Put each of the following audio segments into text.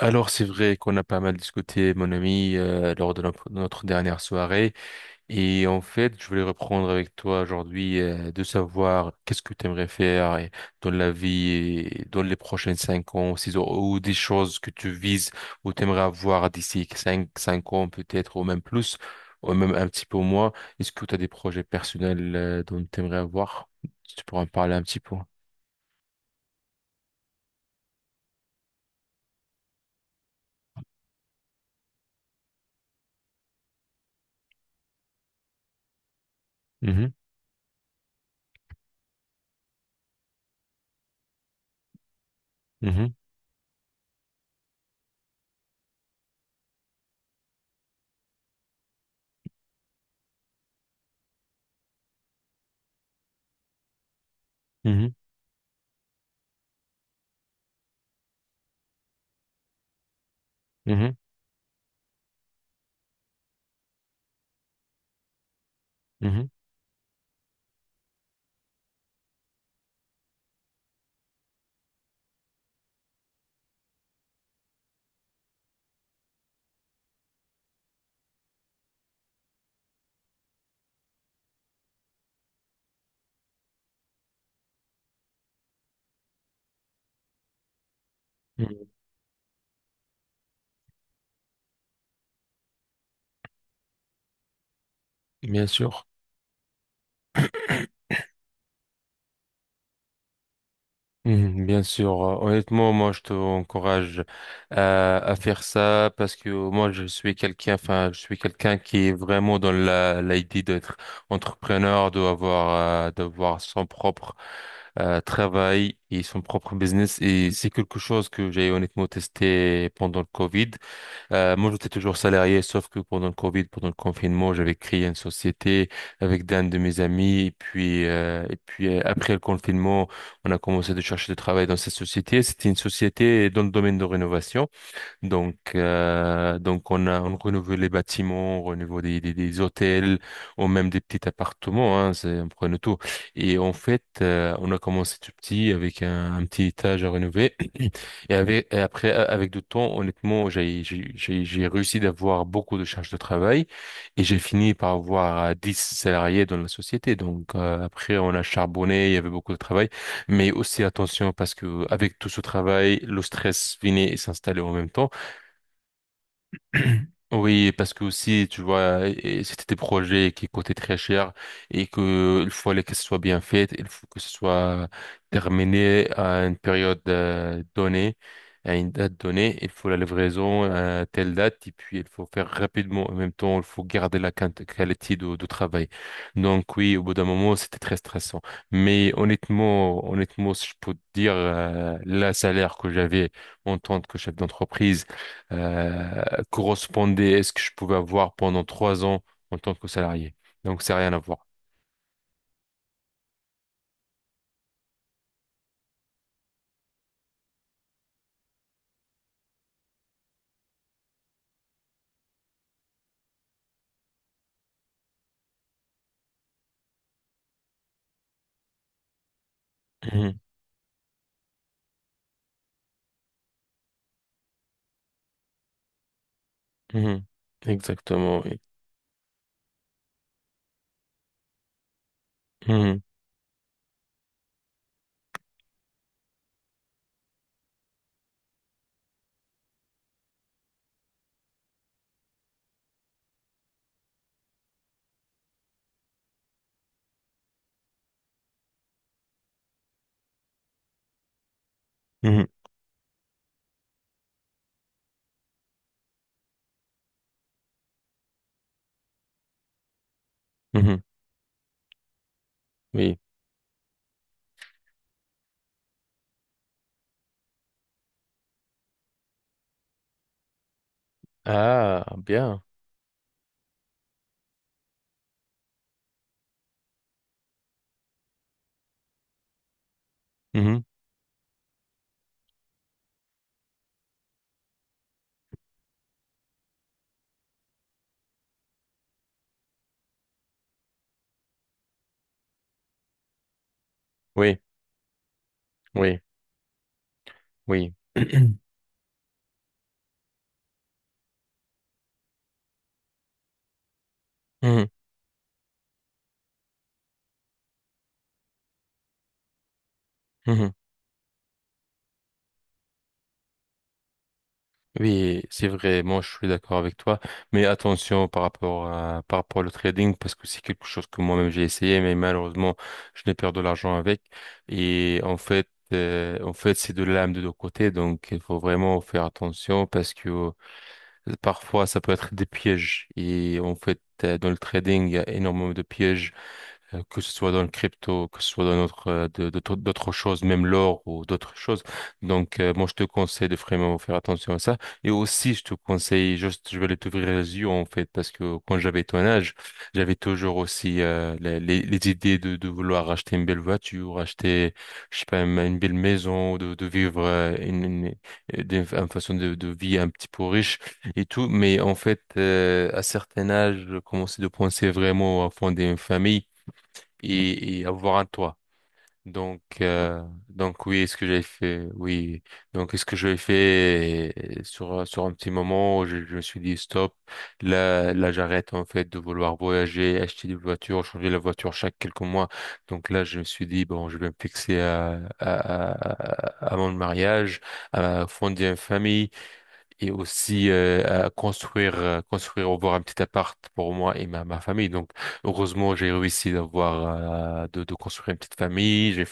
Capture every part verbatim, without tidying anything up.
Alors c'est vrai qu'on a pas mal discuté, mon ami, euh, lors de notre, notre dernière soirée. Et en fait, je voulais reprendre avec toi aujourd'hui euh, de savoir qu'est-ce que tu aimerais faire et- dans la vie, et dans les prochains cinq ans, six ans, ou des choses que tu vises ou tu aimerais avoir d'ici cinq, cinq ans peut-être, ou même plus, ou même un petit peu moins. Est-ce que tu as des projets personnels euh, dont tu aimerais avoir? Si Tu pourras en parler un petit peu. Mhm, mhm, mhm, mhm, mhm, mhm. Bien sûr. Mhm, bien sûr. Euh, honnêtement, moi je te encourage à, à faire ça parce que moi je suis quelqu'un, enfin je suis quelqu'un qui est vraiment dans la l'idée d'être entrepreneur, d'avoir euh, d'avoir son propre euh, travail et son propre business, et c'est quelque chose que j'ai honnêtement testé pendant le Covid. Euh, moi, j'étais toujours salarié, sauf que pendant le Covid, pendant le confinement, j'avais créé une société avec d'un de mes amis. Et puis, euh, et puis euh, après le confinement, on a commencé de chercher du travail dans cette société. C'était une société dans le domaine de rénovation. Donc, euh, donc on a, on renouvelle les bâtiments, on renouvelle des, des, des hôtels, ou même des petits appartements, hein, c'est, on prenne tout. Et en fait, euh, on a commencé tout petit avec un, un petit étage à rénover. Et, avec, et après, a- avec du temps, honnêtement, j'ai, j'ai, j'ai j'ai réussi d'avoir beaucoup de charges de travail, et j'ai fini par avoir euh, dix salariés dans la société. Donc, euh, après, on a charbonné, il y avait beaucoup de travail. Mais aussi attention, parce que avec tout ce travail, le stress venait et s'installait en même temps. Oui, parce que aussi, tu vois, et- et c'était des projets qui coûtaient très cher et que il fallait que ce soit bien fait, il faut que ce soit terminé à une période euh, donnée, à une date donnée, il faut la livraison à telle date et puis il faut faire rapidement. En même temps, il faut garder la quinte- qualité de, de travail. Donc oui, au bout d'un moment, c'était très stressant. Mais honnêtement, honnêtement, si je peux te dire, euh, le salaire que j'avais en tant que chef d'entreprise euh, correspondait à ce que je pouvais avoir pendant trois ans en tant que salarié. Donc, c'est rien à voir. Mhm, mhm. Exactement, oui. Mhm, mhm, mhm. Oui. Ah, bien. Mhm. Oui, oui, oui. Mhm, mhm. Oui, c'est vrai, moi je suis d'accord avec toi, mais attention par rapport à, par rapport au trading, parce que c'est quelque chose que moi-même j'ai essayé, mais malheureusement je n'ai perdu de l'argent avec. Et en fait, euh, en fait c'est de l'âme de deux côtés, donc il faut vraiment faire attention parce que euh, parfois ça peut être des pièges. Et en fait, euh, dans le trading, il y a énormément de pièges euh, que ce soit dans le crypto, que ce soit dans notre, euh, de- d'autres d'autres choses, même l'or ou d'autres choses. Donc, euh, moi, je te conseille de vraiment faire attention à ça. Et aussi, je te conseille, juste, je vais t'ouvrir les yeux, en fait, parce que quand j'avais ton âge, j'avais toujours aussi euh, les, les, les idées de, de vouloir acheter une belle voiture, acheter, je sais pas, une, une belle maison, de, de vivre euh, une, une, euh, d'une- une façon de, de vie un petit peu riche et tout. Mais en fait, euh, à certain âge, je commençais de penser vraiment à fonder une famille et, et avoir un toit. Donc, euh, donc oui, ce que j'ai fait, oui. Donc, ce que j'ai fait euh, sur sur un petit moment, je, je me suis dit stop. Là, là, j'arrête en fait de vouloir voyager, acheter des voitures, changer la voiture chaque quelques mois. Donc là, je me suis dit bon, je vais me fixer à à, à, à mon mariage, à fonder une famille et aussi euh, à construire, euh, construire, avoir un petit appart pour moi et ma, ma famille. Donc, heureusement, j'ai réussi d'avoir, euh, de, de construire une petite famille. J'ai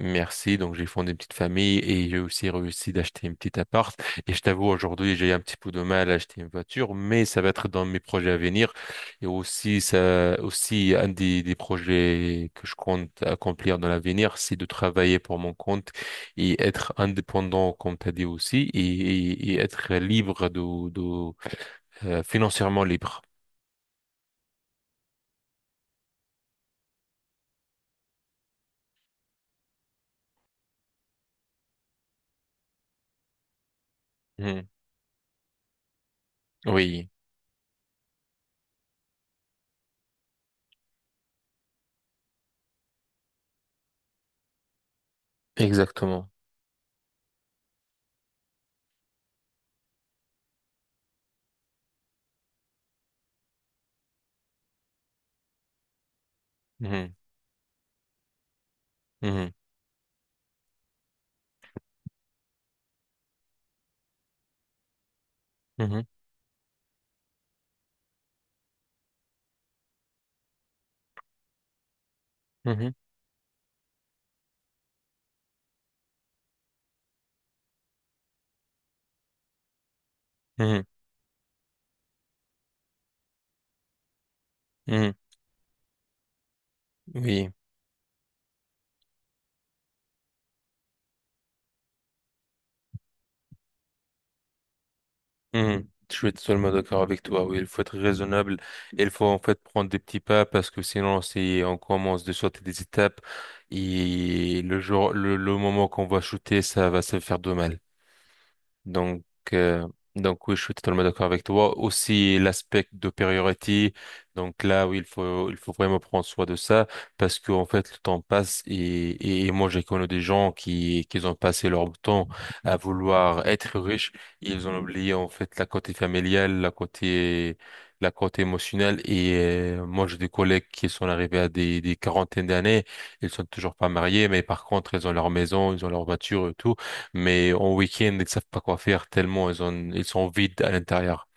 Merci. Donc, j'ai fondé une petite famille et j'ai aussi réussi d'acheter une petite appart. Et je t'avoue, aujourd'hui, j'ai un petit peu de mal à acheter une voiture, mais ça va être dans mes projets à venir. Et aussi, ça, aussi, un des, des projets que je compte accomplir dans l'avenir, c'est de travailler pour mon compte et être indépendant, comme tu as dit aussi, et, et, et être libre de, de, euh, financièrement libre. Mhm. Oui, exactement. Mhm. Mhm. Mhm. Mhm. Mhm. Mhm. Oui. Mhm. Je suis totalement d'accord avec toi. Oui, il faut être raisonnable. Il faut en fait prendre des petits pas parce que sinon, si on commence de sauter des étapes, et le jour, le, le moment qu'on va shooter, ça va se faire de mal. Donc, euh, donc oui, je suis totalement d'accord avec toi. Aussi l'aspect de priorité. Donc là, oui, il faut, il faut vraiment prendre soin de ça parce qu'en fait, le temps passe, et, et, et moi, j'ai connu des gens qui, qui ont passé leur temps à vouloir être riches. Ils ont oublié en fait la côté familiale, la côté, la côté émotionnelle. Et euh, moi, j'ai des collègues qui sont arrivés à des, des quarantaines d'années. Ils sont toujours pas mariés, mais par contre, ils ont leur maison, ils ont leur voiture et tout, mais en week-end, ils savent pas quoi faire tellement ils ont, ils sont vides à l'intérieur.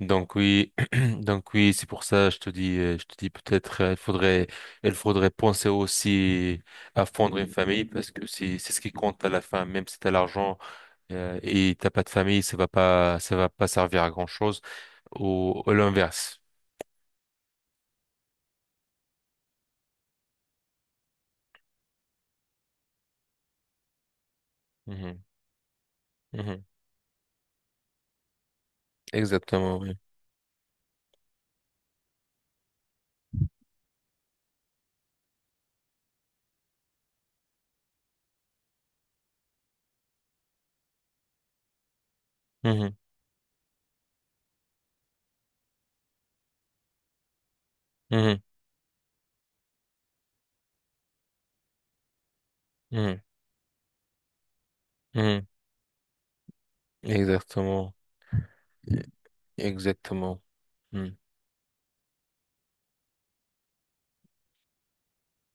Donc oui, donc oui, c'est pour ça, je te dis, euh, je te dis peut-être, euh, il faudrait, il faudrait penser aussi à fondre une famille parce que c'est, c'est ce qui compte à la fin, même si t'as l'argent, euh, et t'as pas de famille, ça va pas, ça va pas servir à grand-chose, ou, ou l'inverse. Mhm, mhm. Exactement, oui. Mhm, mhm, mhm, mhm. Exactement, exactement. Mhm.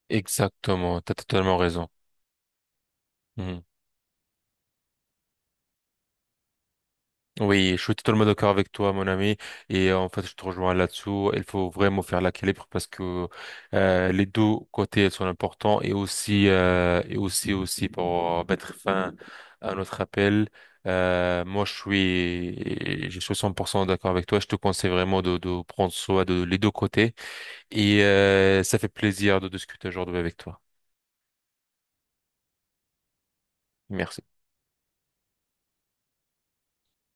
Exactement, t'as totalement raison. Mhm. Oui, je suis totalement d'accord avec toi, mon ami. Et euh, en fait, je te rejoins là-dessous. Il faut vraiment faire l'équilibre parce que euh, les deux côtés sont importants, et aussi euh, et aussi aussi pour mettre fin à notre appel. Euh, moi, je suis je suis cent pour cent d'accord avec toi. Je te conseille vraiment de, de prendre soin de les deux côtés, et euh, ça fait plaisir de discuter aujourd'hui avec toi. Merci.